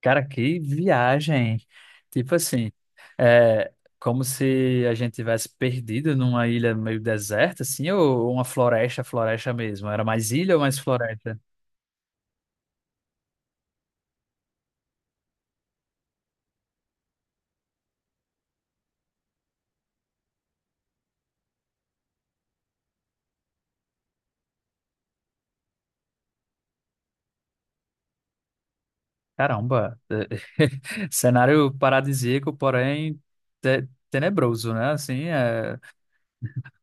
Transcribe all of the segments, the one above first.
Cara, que viagem! Tipo assim, é como se a gente tivesse perdido numa ilha meio deserta, assim, ou uma floresta, floresta mesmo. Era mais ilha ou mais floresta? Caramba! Cenário paradisíaco, porém tenebroso, né? Assim, é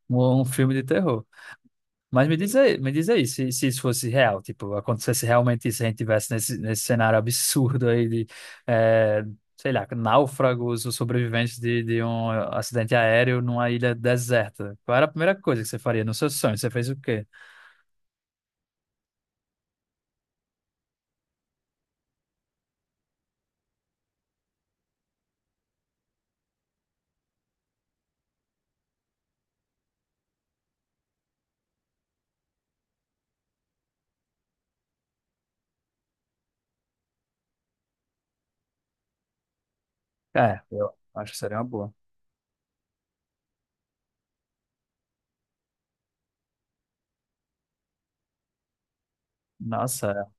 um filme de terror. Mas me diz aí se isso fosse real, tipo, acontecesse realmente isso, a gente tivesse nesse cenário absurdo aí de, eh, sei lá, náufragos ou sobreviventes de um acidente aéreo numa ilha deserta. Qual era a primeira coisa que você faria no seu sonho? Você fez o quê? É, eu acho que seria uma boa. Nossa,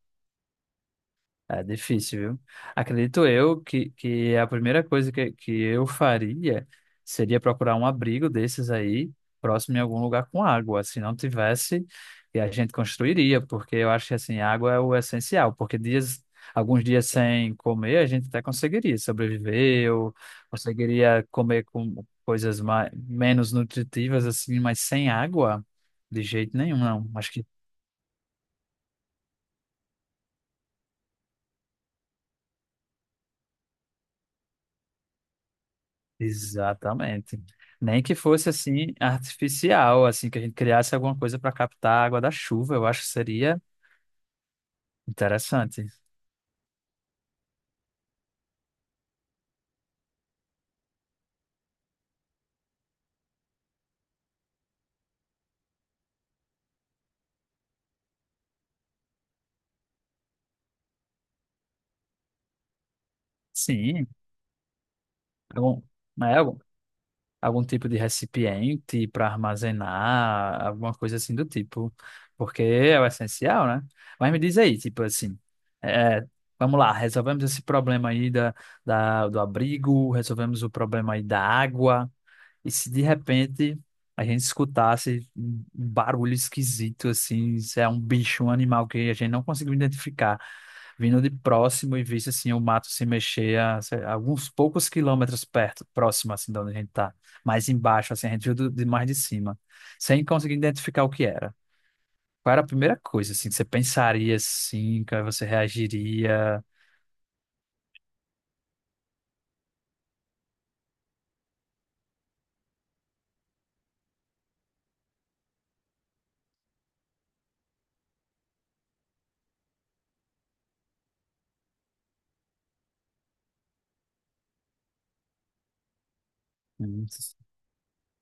é difícil, viu? Acredito eu que a primeira coisa que eu faria seria procurar um abrigo desses aí, próximo em algum lugar com água. Se não tivesse, e a gente construiria, porque eu acho que assim, água é o essencial, porque dias, alguns dias sem comer, a gente até conseguiria sobreviver, ou conseguiria comer com coisas mais, menos nutritivas, assim, mas sem água, de jeito nenhum, não. Acho que exatamente. Nem que fosse assim artificial, assim que a gente criasse alguma coisa para captar a água da chuva, eu acho que seria interessante. Sim, algum, né, algum, algum tipo de recipiente para armazenar, alguma coisa assim do tipo, porque é o essencial, né? Mas me diz aí, tipo assim, é, é, vamos lá, resolvemos esse problema aí da, da, do abrigo, resolvemos o problema aí da água. E se de repente a gente escutasse um barulho esquisito, assim, se é um bicho, um animal que a gente não conseguiu identificar, vindo de próximo e visse, assim, o mato se mexer a, sei lá, alguns poucos quilômetros perto, próximo, assim, de onde a gente tá, mais embaixo, assim, a gente viu de mais de cima, sem conseguir identificar o que era. Qual era a primeira coisa, assim, que você pensaria, assim, que você reagiria?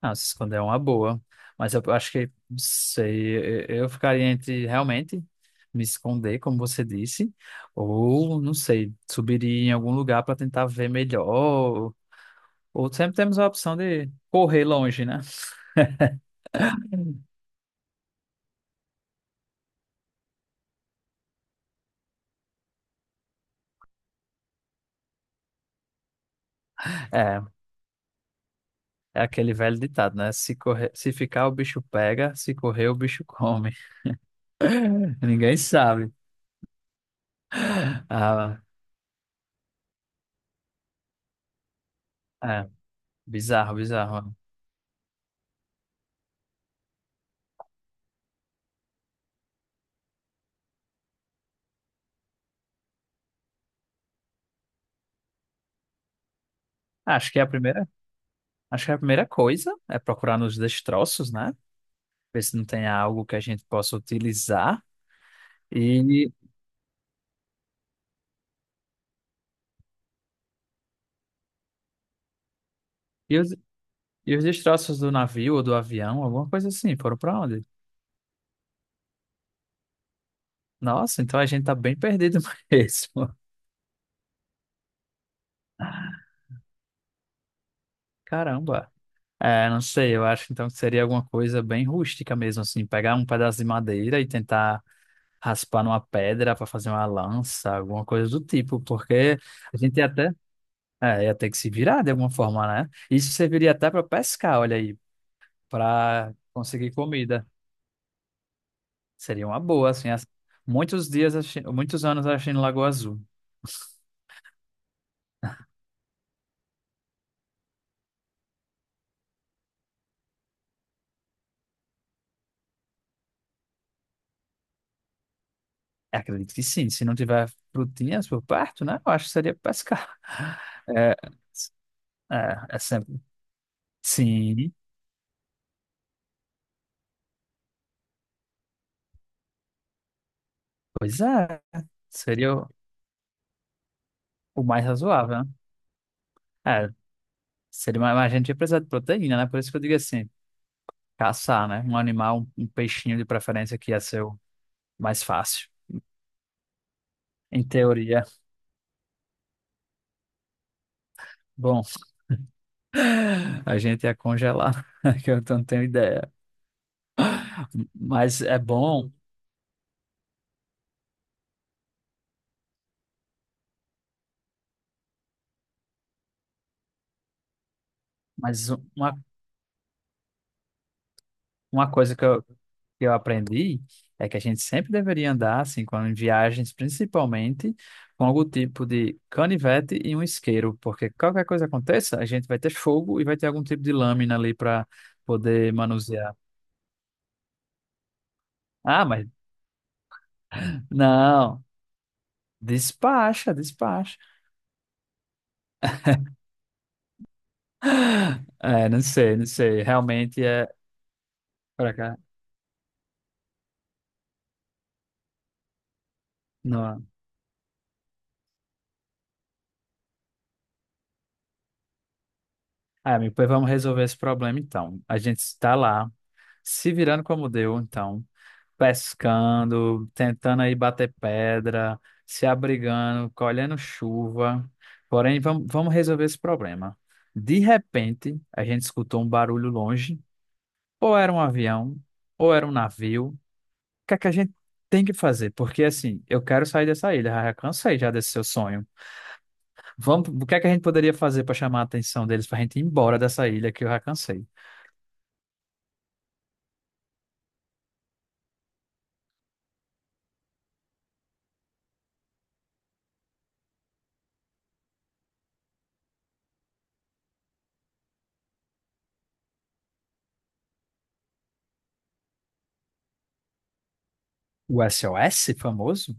Não, se esconder é uma boa. Mas eu acho que, não sei, eu ficaria entre realmente me esconder, como você disse, ou, não sei, subiria em algum lugar para tentar ver melhor. Ou sempre temos a opção de correr longe, né? É, é aquele velho ditado, né? Se correr, se ficar, o bicho pega, se correr, o bicho come. Ninguém sabe. Ah, é, bizarro, bizarro. Acho que é a primeira, acho que é a primeira coisa é procurar nos destroços, né? Ver se não tem algo que a gente possa utilizar. E, e, os, e os destroços do navio ou do avião, alguma coisa assim, foram para onde? Nossa, então a gente tá bem perdido mesmo. Caramba. É, não sei, eu acho então que seria alguma coisa bem rústica mesmo, assim, pegar um pedaço de madeira e tentar raspar numa pedra para fazer uma lança, alguma coisa do tipo, porque a gente ia até, é, ia ter que se virar de alguma forma, né? Isso serviria até para pescar, olha aí, para conseguir comida. Seria uma boa, assim. Muitos dias, muitos anos assistindo Lagoa Azul. É, acredito que sim. Se não tiver frutinhas por perto, né? Eu acho que seria pescar. É, é sempre. Sim, pois é. Seria o mais razoável, né? É, seria mais, a gente ia precisar de proteína, né? Por isso que eu digo assim, caçar, né? Um animal, um peixinho de preferência que ia ser o mais fácil. Em teoria, bom, a gente ia congelar, que eu não tenho ideia. Mas é bom. Mas um, uma, uma coisa que eu aprendi é que a gente sempre deveria andar, assim, quando em viagens, principalmente, com algum tipo de canivete e um isqueiro, porque qualquer coisa aconteça, a gente vai ter fogo e vai ter algum tipo de lâmina ali para poder manusear. Ah, mas não, despacha, despacha. É, não sei, não sei. Realmente é para cá. Não. Ah, amigo, pois vamos resolver esse problema então. A gente está lá, se virando como deu, então. Pescando, tentando aí bater pedra, se abrigando, colhendo chuva. Porém, vamos, vamos resolver esse problema. De repente, a gente escutou um barulho longe, ou era um avião, ou era um navio. O que é que a gente tem que fazer? Porque assim, eu quero sair dessa ilha, já cansei já desse seu sonho. Vamos, o que é que a gente poderia fazer para chamar a atenção deles para a gente ir embora dessa ilha que eu já cansei? O SOS famoso?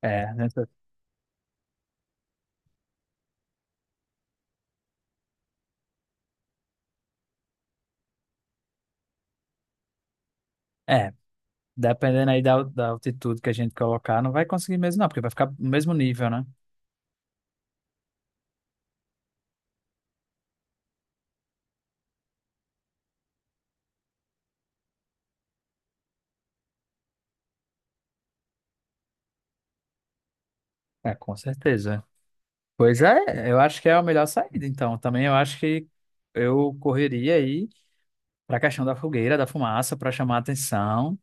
É, né? É. Dependendo aí da, da altitude que a gente colocar, não vai conseguir mesmo, não, porque vai ficar no mesmo nível, né? É, com certeza. Pois é, eu acho que é a melhor saída, então. Também eu acho que eu correria aí para a questão da fogueira, da fumaça, para chamar a atenção,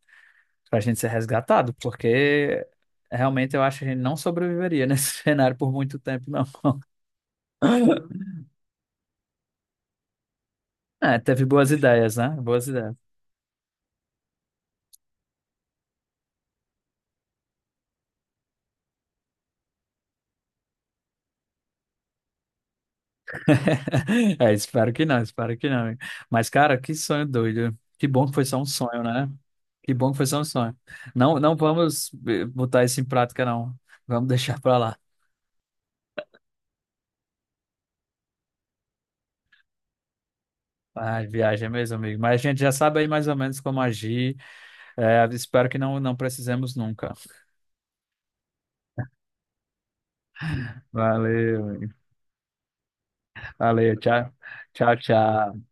para a gente ser resgatado, porque realmente eu acho que a gente não sobreviveria nesse cenário por muito tempo, não. É, teve boas ideias, né? Boas ideias. É, espero que não, espero que não. Mas, cara, que sonho doido. Que bom que foi só um sonho, né? Que bom que foi só um sonho. Não, não vamos botar isso em prática, não. Vamos deixar pra lá. Ah, viagem é mesmo, amigo. Mas a gente já sabe aí mais ou menos como agir. É, espero que não, não precisemos nunca. Valeu, amigo. Valeu. Tchau, tchau, tchau.